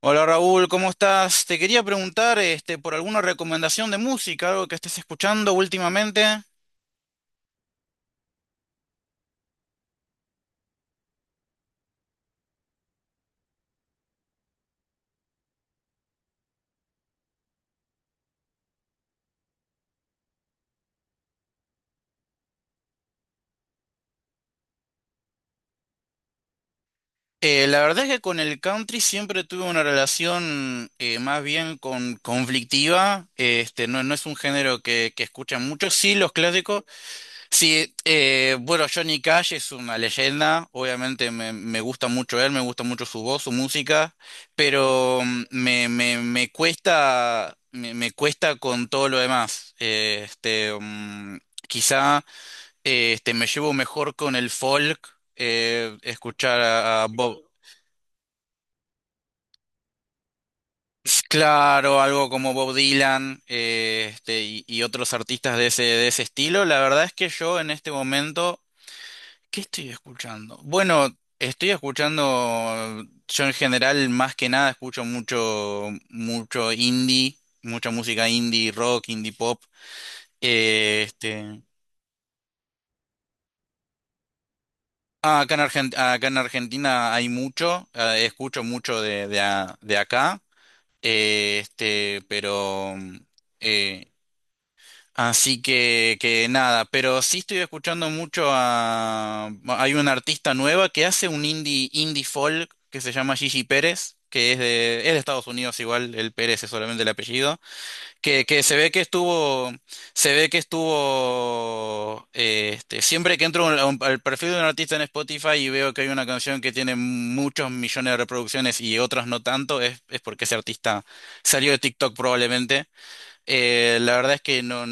Hola Raúl, ¿cómo estás? Te quería preguntar por alguna recomendación de música, algo que estés escuchando últimamente. La verdad es que con el country siempre tuve una relación más bien con conflictiva. No, no es un género que escuchan mucho, sí los clásicos. Sí, bueno, Johnny Cash es una leyenda, obviamente me gusta mucho él, me gusta mucho su voz, su música, pero me cuesta, me cuesta con todo lo demás. Quizá me llevo mejor con el folk, escuchar a Bob, claro, algo como Bob Dylan. Y otros artistas de ese, estilo. La verdad es que yo en este momento, ¿qué estoy escuchando? Bueno, estoy escuchando. Yo en general más que nada escucho mucho, mucho indie, mucha música indie, rock, indie pop. Eh, este, ah, acá en acá en Argentina hay mucho, escucho mucho de acá, eh, este, pero eh, así que nada, pero sí estoy escuchando mucho a, bueno, hay una artista nueva que hace un indie, indie folk que se llama Gigi Pérez, que es de Estados Unidos igual, el Pérez es solamente el apellido, que se ve que estuvo. Siempre que entro a al perfil de un artista en Spotify y veo que hay una canción que tiene muchos millones de reproducciones y otras no tanto, es porque ese artista salió de TikTok probablemente. La verdad es que no.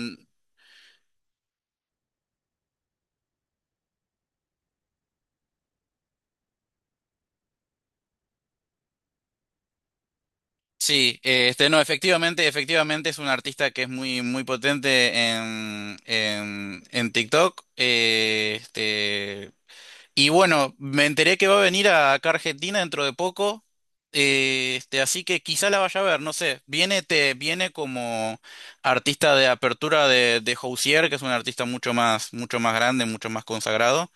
Sí, no, efectivamente, efectivamente es un artista que es muy, muy potente en TikTok. Y bueno, me enteré que va a venir acá a Argentina dentro de poco. Así que quizá la vaya a ver, no sé. Viene como artista de apertura de Housier, que es un artista mucho más grande, mucho más consagrado.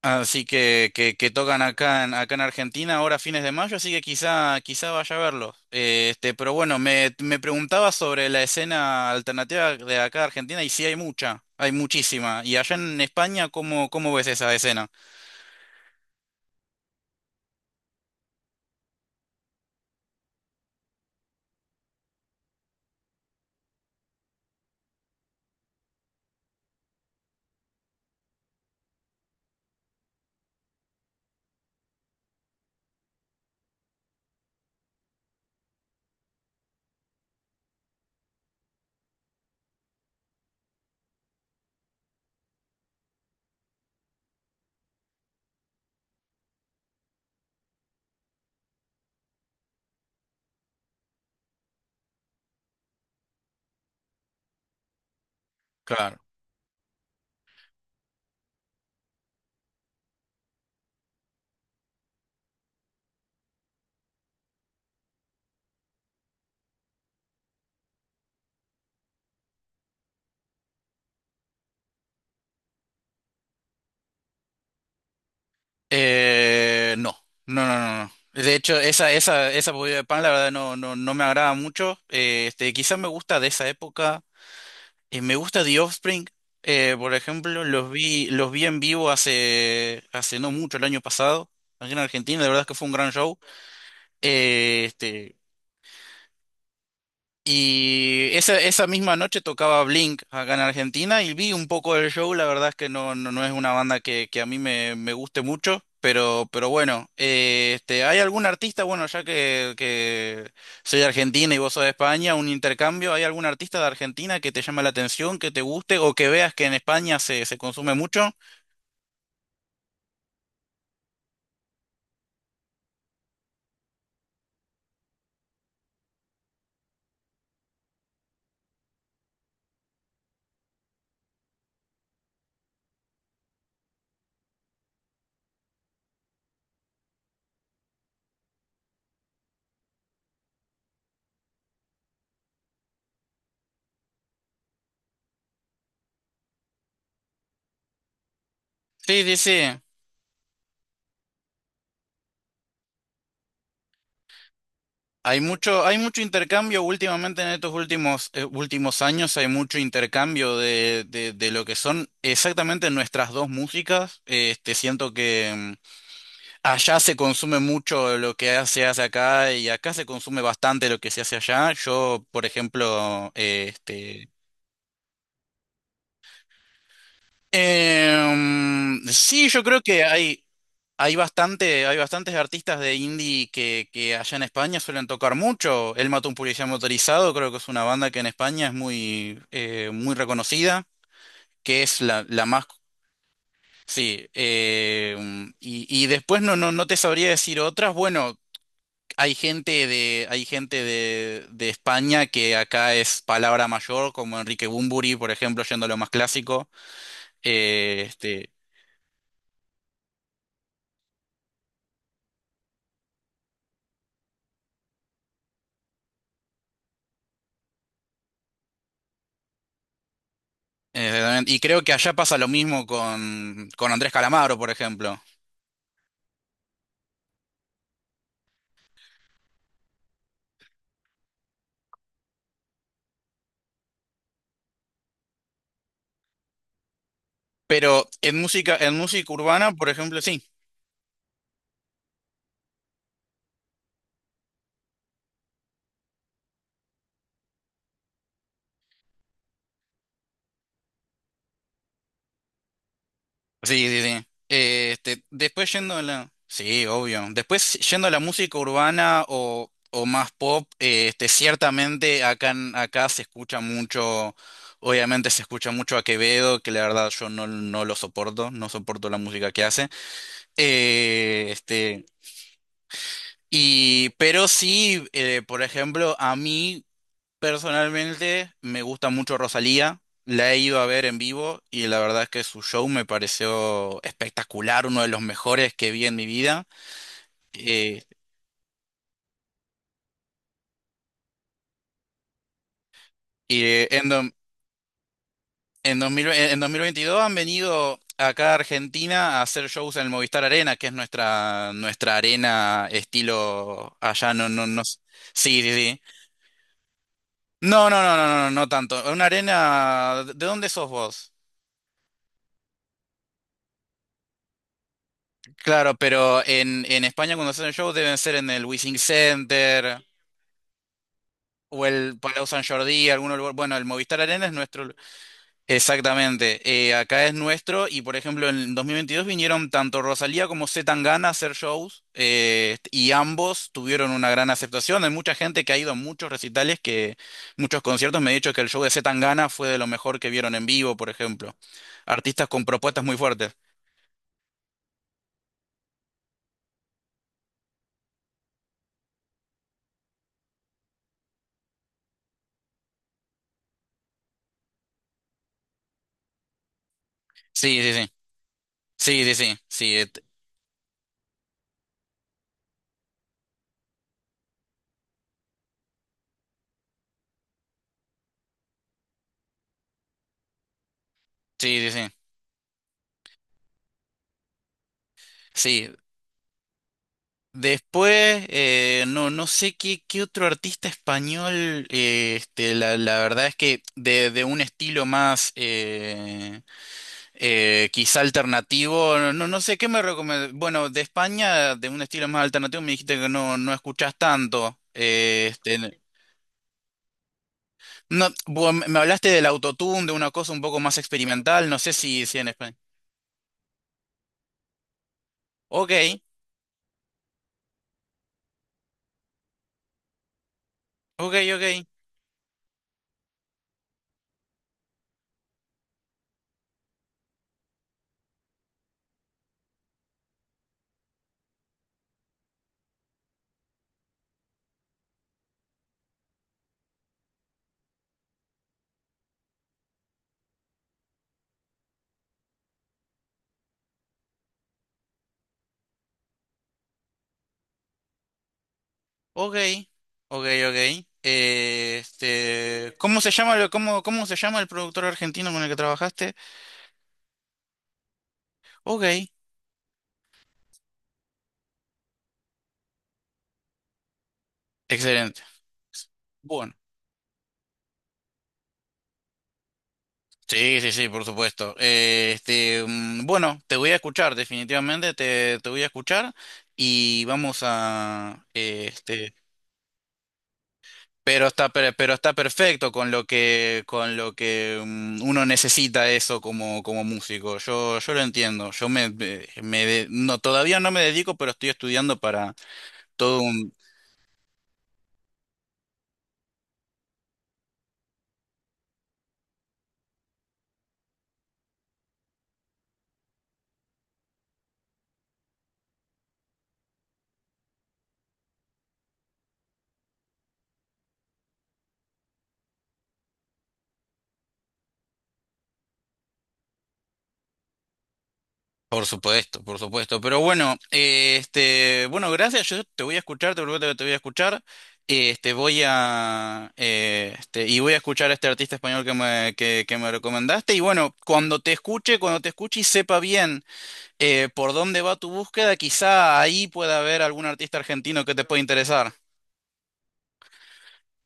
Así que tocan acá en Argentina ahora a fines de mayo, así que quizá, quizá vaya a verlos. Pero bueno, me preguntaba sobre la escena alternativa de acá de Argentina, y sí hay mucha, hay muchísima. ¿Y allá en España cómo ves esa escena? Claro. No, no, no, no. No. De hecho, esa podrida de pan, la verdad, no, no me agrada mucho. Quizá me gusta de esa época. Me gusta The Offspring. Por ejemplo, los vi en vivo hace no mucho, el año pasado, aquí en Argentina. La verdad es que fue un gran show. Eh, este, y esa misma noche tocaba Blink acá en Argentina, y vi un poco del show. La verdad es que no, no es una banda que a mí me guste mucho, pero bueno, ¿hay algún artista? Bueno, ya que soy de Argentina y vos sos de España, un intercambio. ¿Hay algún artista de Argentina que te llame la atención, que te guste o que veas que en España se consume mucho? Sí, sí, sí. Hay mucho intercambio últimamente en estos últimos años, hay mucho intercambio de lo que son exactamente nuestras dos músicas. Siento que allá se consume mucho lo que se hace acá, y acá se consume bastante lo que se hace allá. Yo, por ejemplo, sí, yo creo que hay. Hay bastante, hay bastantes artistas de indie que allá en España suelen tocar mucho. Él mató a un policía motorizado, creo que es una banda que en España es muy reconocida, que es la más. Sí, y después no, no te sabría decir otras. Bueno, hay gente de España que acá es palabra mayor, como Enrique Bunbury, por ejemplo, yendo a lo más clásico. Eh, este, Exactamente. Y creo que allá pasa lo mismo con Andrés Calamaro, por ejemplo. Pero en música urbana, por ejemplo, sí. Sí, sí, sí. Después yendo a la. Sí, obvio. Después yendo a la música urbana o más pop, ciertamente acá, acá se escucha mucho. Obviamente se escucha mucho a Quevedo, que la verdad yo no lo soporto, no soporto la música que hace. Eh, este, pero sí, por ejemplo, a mí. Personalmente me gusta mucho Rosalía, la he ido a ver en vivo y la verdad es que su show me pareció espectacular, uno de los mejores que vi en mi vida. Eh, y eh, en, do- en, 2000 En 2022 han venido acá a Argentina a hacer shows en el Movistar Arena, que es nuestra arena estilo allá, no, no, no. Sí, sí, sí. No, no, no, no, no, no, no tanto. Una arena, ¿de dónde sos vos? Claro, pero en España cuando hacen shows deben ser en el Wishing Center o el Palau San Jordi, algún lugar. Bueno, el Movistar Arena es nuestro. Exactamente. Acá es nuestro y por ejemplo en 2022 vinieron tanto Rosalía como C. Tangana a hacer shows, y ambos tuvieron una gran aceptación. Hay mucha gente que ha ido a muchos recitales, que muchos conciertos me ha dicho que el show de C. Tangana fue de lo mejor que vieron en vivo, por ejemplo. Artistas con propuestas muy fuertes. Sí, sí, sí. Sí, sí, sí. Sí, sí, sí, sí. Sí, después, no, no sé qué otro artista español, la verdad es que de un estilo más quizá alternativo, no, no sé qué me recomiendas. Bueno, de España, de un estilo más alternativo, me dijiste que no escuchás tanto. No, vos me hablaste del autotune, de una cosa un poco más experimental, no sé si en España. Ok, ok, ok. Ok, ok, ok. ¿Cómo se llama el productor argentino con el que trabajaste? Ok, excelente. Bueno, sí, sí, sí, por supuesto. Bueno, te voy a escuchar, definitivamente te voy a escuchar, y vamos a. Pero está perfecto con lo que uno necesita eso como músico. Yo lo entiendo. Yo me, me, me de- No, todavía no me dedico, pero estoy estudiando. Todo un, por supuesto, por supuesto. Pero bueno, bueno, gracias. Yo te voy a escuchar, te prometo que te voy a escuchar. Voy a escuchar a este artista español que me recomendaste. Y bueno, cuando te escuche y sepa bien por dónde va tu búsqueda, quizá ahí pueda haber algún artista argentino que te pueda interesar.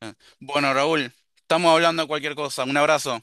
Eh, Bueno, Raúl, estamos hablando de cualquier cosa. Un abrazo.